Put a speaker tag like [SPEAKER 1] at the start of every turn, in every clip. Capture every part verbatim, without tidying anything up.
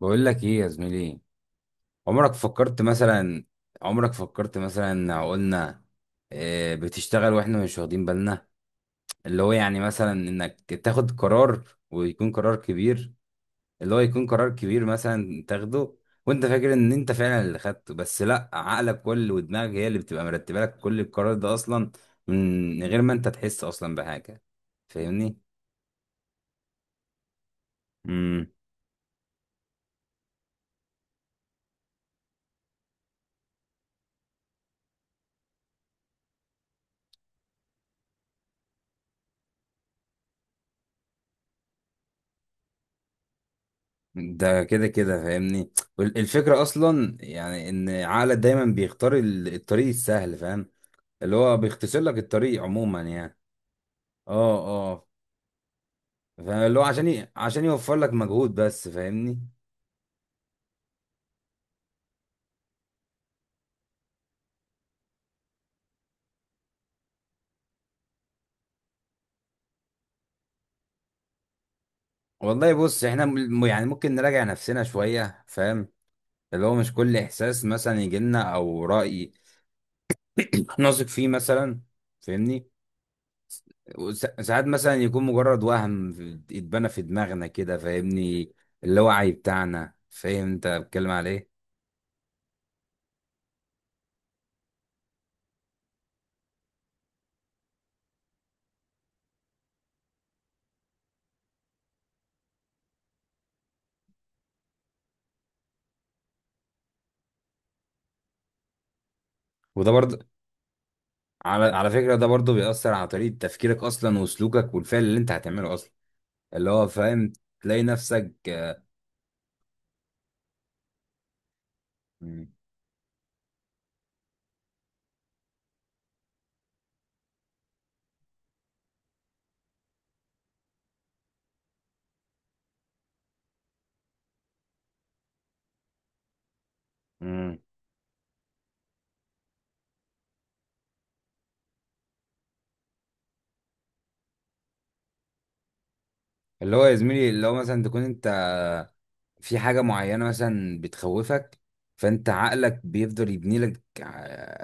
[SPEAKER 1] بقول لك ايه يا زميلي. عمرك فكرت مثلا عمرك فكرت مثلا قلنا، آه، بتشتغل واحنا مش واخدين بالنا. اللي هو يعني مثلا انك تاخد قرار، ويكون قرار كبير. اللي هو يكون قرار كبير مثلا تاخده، وانت فاكر ان انت فعلا اللي خدته، بس لا، عقلك كل ودماغك هي اللي بتبقى مرتبه لك كل القرار ده اصلا، من غير ما انت تحس اصلا بحاجه، فاهمني؟ ده كده كده، فاهمني؟ وال- الفكرة أصلا يعني إن عقلك دايما بيختار ال- الطريق السهل، فاهم؟ اللي هو بيختصر لك الطريق عموما يعني. اه. اه. فاللي هو عشان ي... عشان يوفر لك مجهود بس، فاهمني؟ والله بص، احنا م... يعني ممكن نراجع نفسنا شوية، فاهم؟ اللي هو مش كل إحساس مثلا يجيلنا أو رأي نثق فيه مثلا، فاهمني؟ وس- ساعات مثلا يكون مجرد وهم، في- اتبنى في دماغنا كده، فاهمني؟ اللاوعي بتاعنا، فاهم انت بتكلم على ايه؟ وده برضه، على على فكرة ده برضه بيأثر على طريقة تفكيرك أصلا وسلوكك والفعل اللي أنت هتعمله أصلا، اللي هو فاهم. تلاقي نفسك. مم. مم. اللي هو يا زميلي، اللي هو مثلا تكون أنت في حاجة معينة مثلا بتخوفك، فأنت عقلك بيفضل يبني لك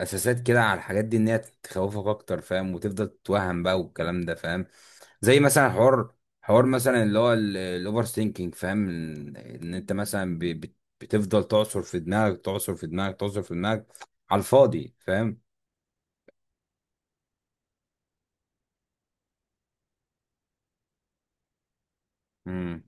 [SPEAKER 1] أساسات كده على الحاجات دي، إن هي تخوفك أكتر، فاهم؟ وتفضل تتوهم بقى والكلام ده، فاهم؟ زي مثلا حوار حوار مثلا اللي هو الاوفر ثينكينج، فاهم؟ ان إن انت مثلا ب- بت- بتفضل تعصر في دماغك، تعصر في دماغك، تعصر في دماغك على الفاضي، فاهم؟ امم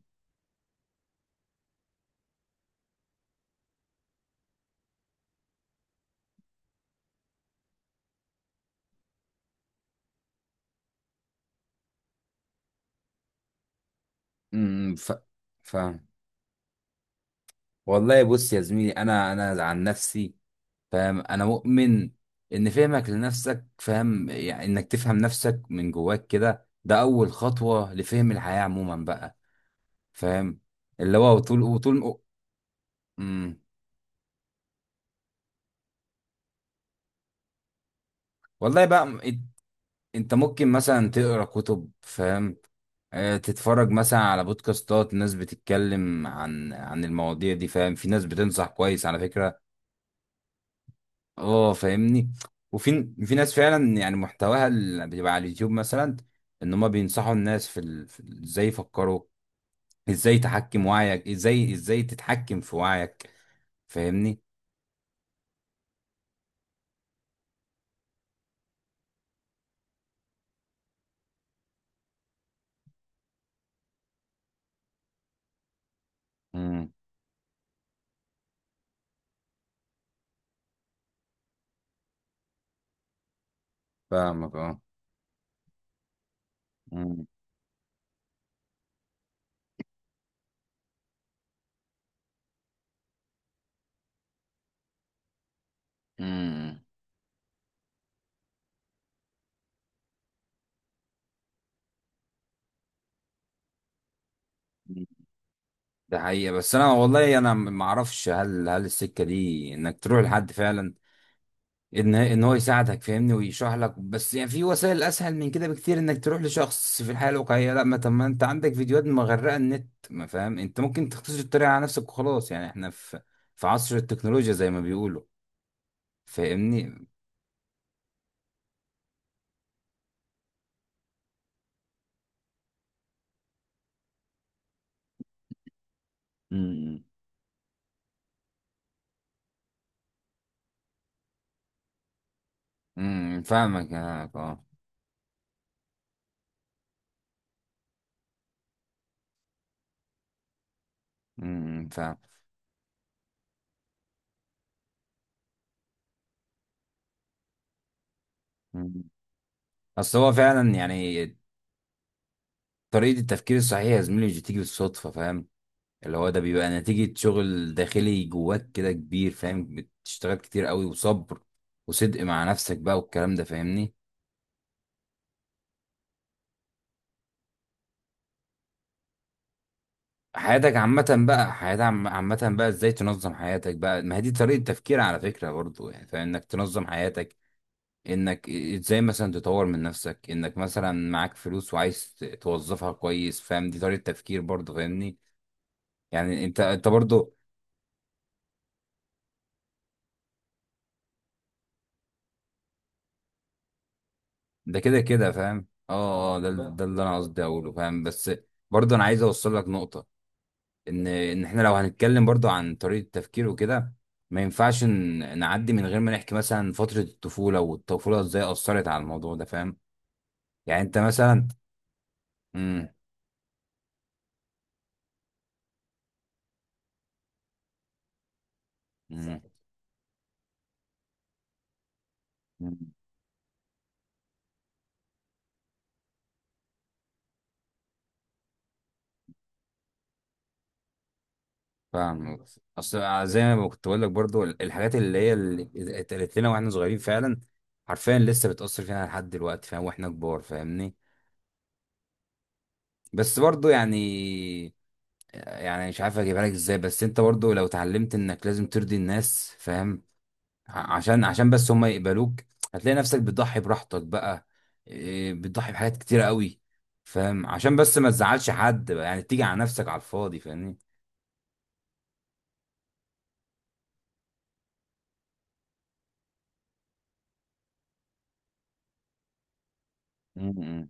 [SPEAKER 1] امم ف... فاهم. والله بص يا زميلي، انا انا عن نفسي، فاهم، انا مؤمن ان فهمك لنفسك، فاهم، يعني انك تفهم نفسك من جواك كده، ده اول خطوة لفهم الحياة عموما بقى، فاهم؟ اللي هو وطول وطول. امم والله بقى، انت ممكن مثلا تقرا كتب، فاهم؟ آه، تتفرج مثلا على بودكاستات ناس بتتكلم عن عن المواضيع دي، فاهم؟ في ناس بتنصح كويس على فكرة. اه. فاهمني؟ وفي في ناس فعلا يعني محتواها اللي بيبقى على اليوتيوب مثلا، ان هم بينصحوا الناس في ال- في ال- ازاي يفكروا، ازاي تحكم وعيك، ازاي ازاي تتحكم في وعيك، فاهمني؟ امم فاهمك. اه. امم ده حقيقة، بس انا والله انا ما اعرفش هل هل السكة دي انك تروح لحد فعلا، ان ان هو يساعدك، فاهمني، ويشرح لك، بس يعني في وسائل اسهل من كده بكتير انك تروح لشخص في الحياة الواقعية، لا، ما طب ما انت عندك فيديوهات مغرقة النت، ما فاهم، انت ممكن تختصر الطريقة على نفسك وخلاص، يعني احنا في في عصر التكنولوجيا زي ما بيقولوا. فاهمني؟ امم امم فاهمك. اه. آه. امم فاهم. مم. اصل هو فعلا يعني، طريقة التفكير الصحيح يا زميلي مش بتيجي بالصدفة، فاهم؟ اللي هو ده بيبقى نتيجة شغل داخلي جواك كده كبير، فاهم، بتشتغل كتير قوي وصبر وصدق مع نفسك بقى والكلام ده، فاهمني؟ حياتك عامة بقى، حياتك عم- عامة بقى، ازاي تنظم حياتك بقى، ما هي دي طريقة تفكير على فكرة برضو، يعني فاهم، انك تنظم حياتك، انك ازاي مثلا تطور من نفسك، انك مثلا معاك فلوس وعايز ت- توظفها كويس، فاهم؟ دي طريقة تفكير برضو، فاهمني. يعني انت انت برضو، ده كده كده، فاهم. اه. اه. ده ده اللي انا قصدي اقوله، فاهم. بس برضو، انا عايز اوصل لك نقطة، ان ان احنا لو هنتكلم برضو عن طريقه التفكير وكده، ما ينفعش ن- نعدي من غير ما نحكي مثلا فتره الطفوله، والطفوله ازاي اثرت على الموضوع ده، فاهم؟ يعني انت مثلا. امم امم أمم، فاهم. اصل زي ما كنت بقول لك برضو، ال- الحاجات اللي هي اللي اتقالت لنا واحنا صغيرين فعلا، حرفيا لسه بتاثر فينا لحد دلوقتي، فاهم؟ واحنا كبار، فاهمني؟ بس برضو يعني، يعني مش عارف اجيبها لك ازاي، بس انت برضو لو اتعلمت انك لازم ترضي الناس، فاهم، ع- عشان عشان بس هم يقبلوك، هتلاقي نفسك بتضحي براحتك بقى، إيه، بتضحي بحاجات كتيرة قوي، فاهم؟ عشان بس ما تزعلش حد بقى، يعني تيجي على نفسك على الفاضي، فاهمني؟ مم.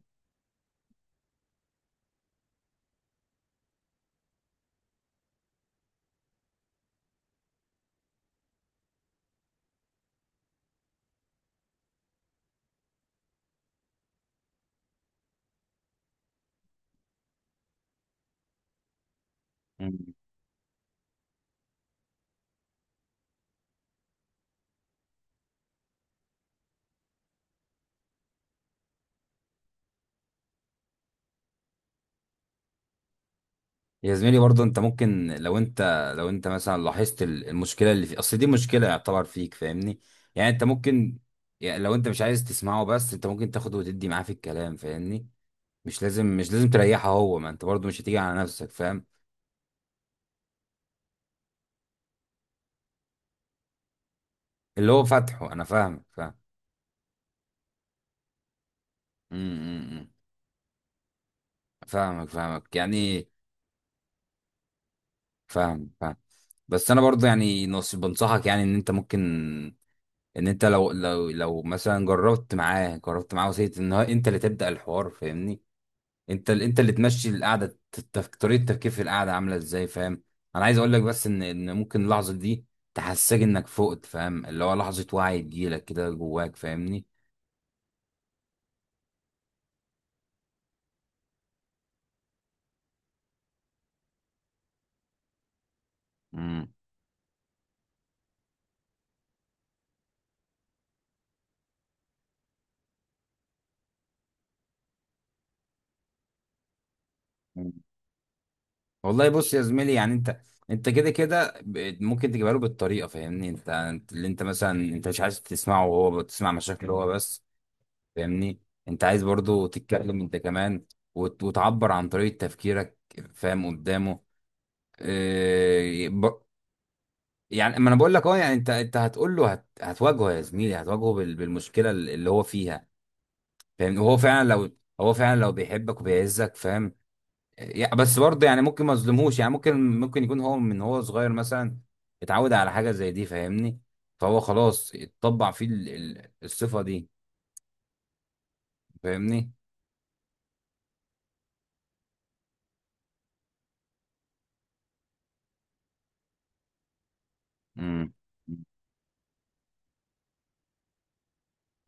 [SPEAKER 1] مم. يا زميلي برضه انت ممكن لو انت لو انت مثلا لاحظت ال- المشكله اللي في اصل دي مشكله، يعتبر فيك، فاهمني؟ يعني انت ممكن، يعني لو انت مش عايز تسمعه، بس انت ممكن تاخده وتدي معاه في الكلام، فاهمني؟ مش لازم، مش لازم تريحه هو، ما انت برضه مش هتيجي على نفسك، فاهم؟ اللي هو فتحه انا، فاهمك، فاهم. مم. فاهمك، فاهمك، يعني فاهم، فاهم. بس انا برضه يعني نص بنصحك، يعني ان انت ممكن، ان انت لو لو لو مثلا جربت معاه جربت معاه وسيت ان هو انت اللي تبدأ الحوار، فاهمني، انت ال- انت اللي تمشي القعده، التف- طريقه التفكير في القعده عامله ازاي، فاهم؟ انا عايز اقول لك بس ان ان ممكن اللحظه دي تحسسك انك فقت، فاهم، اللي هو لحظه وعي تجيلك كده جواك، فاهمني؟ امم والله بص يا زميلي، يعني انت انت كده كده، ب- ممكن تجيبها له بالطريقه، فاهمني. انت انت- اللي انت مثلا، انت مش عايز تسمعه وهو بتسمع مشاكله هو بس، فاهمني. انت عايز برضو تتكلم انت كمان، وت- وتعبر عن طريقه تفكيرك، فاهم، قدامه. اه. ب- يعني ما انا بقول لك، اه، يعني انت، انت هتقول له، هت هتواجهه يا زميلي، هتواجهه بال- بالمشكله اللي هو فيها، فاهمني، وهو فعلا، لو هو فعلا لو بيحبك وبيعزك، فاهم. يا- بس برضه يعني ممكن ما اظلمهوش، يعني ممكن ممكن يكون هو من هو صغير مثلا اتعود على حاجه زي دي، فاهمني، فهو خلاص اتطبع فيه ال- ال- الصفه دي، فاهمني. امم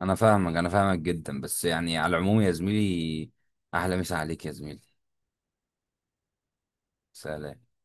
[SPEAKER 1] انا فاهمك انا فاهمك جدا، بس يعني على العموم يا زميلي، احلى مسا عليك يا زميلي. سلام.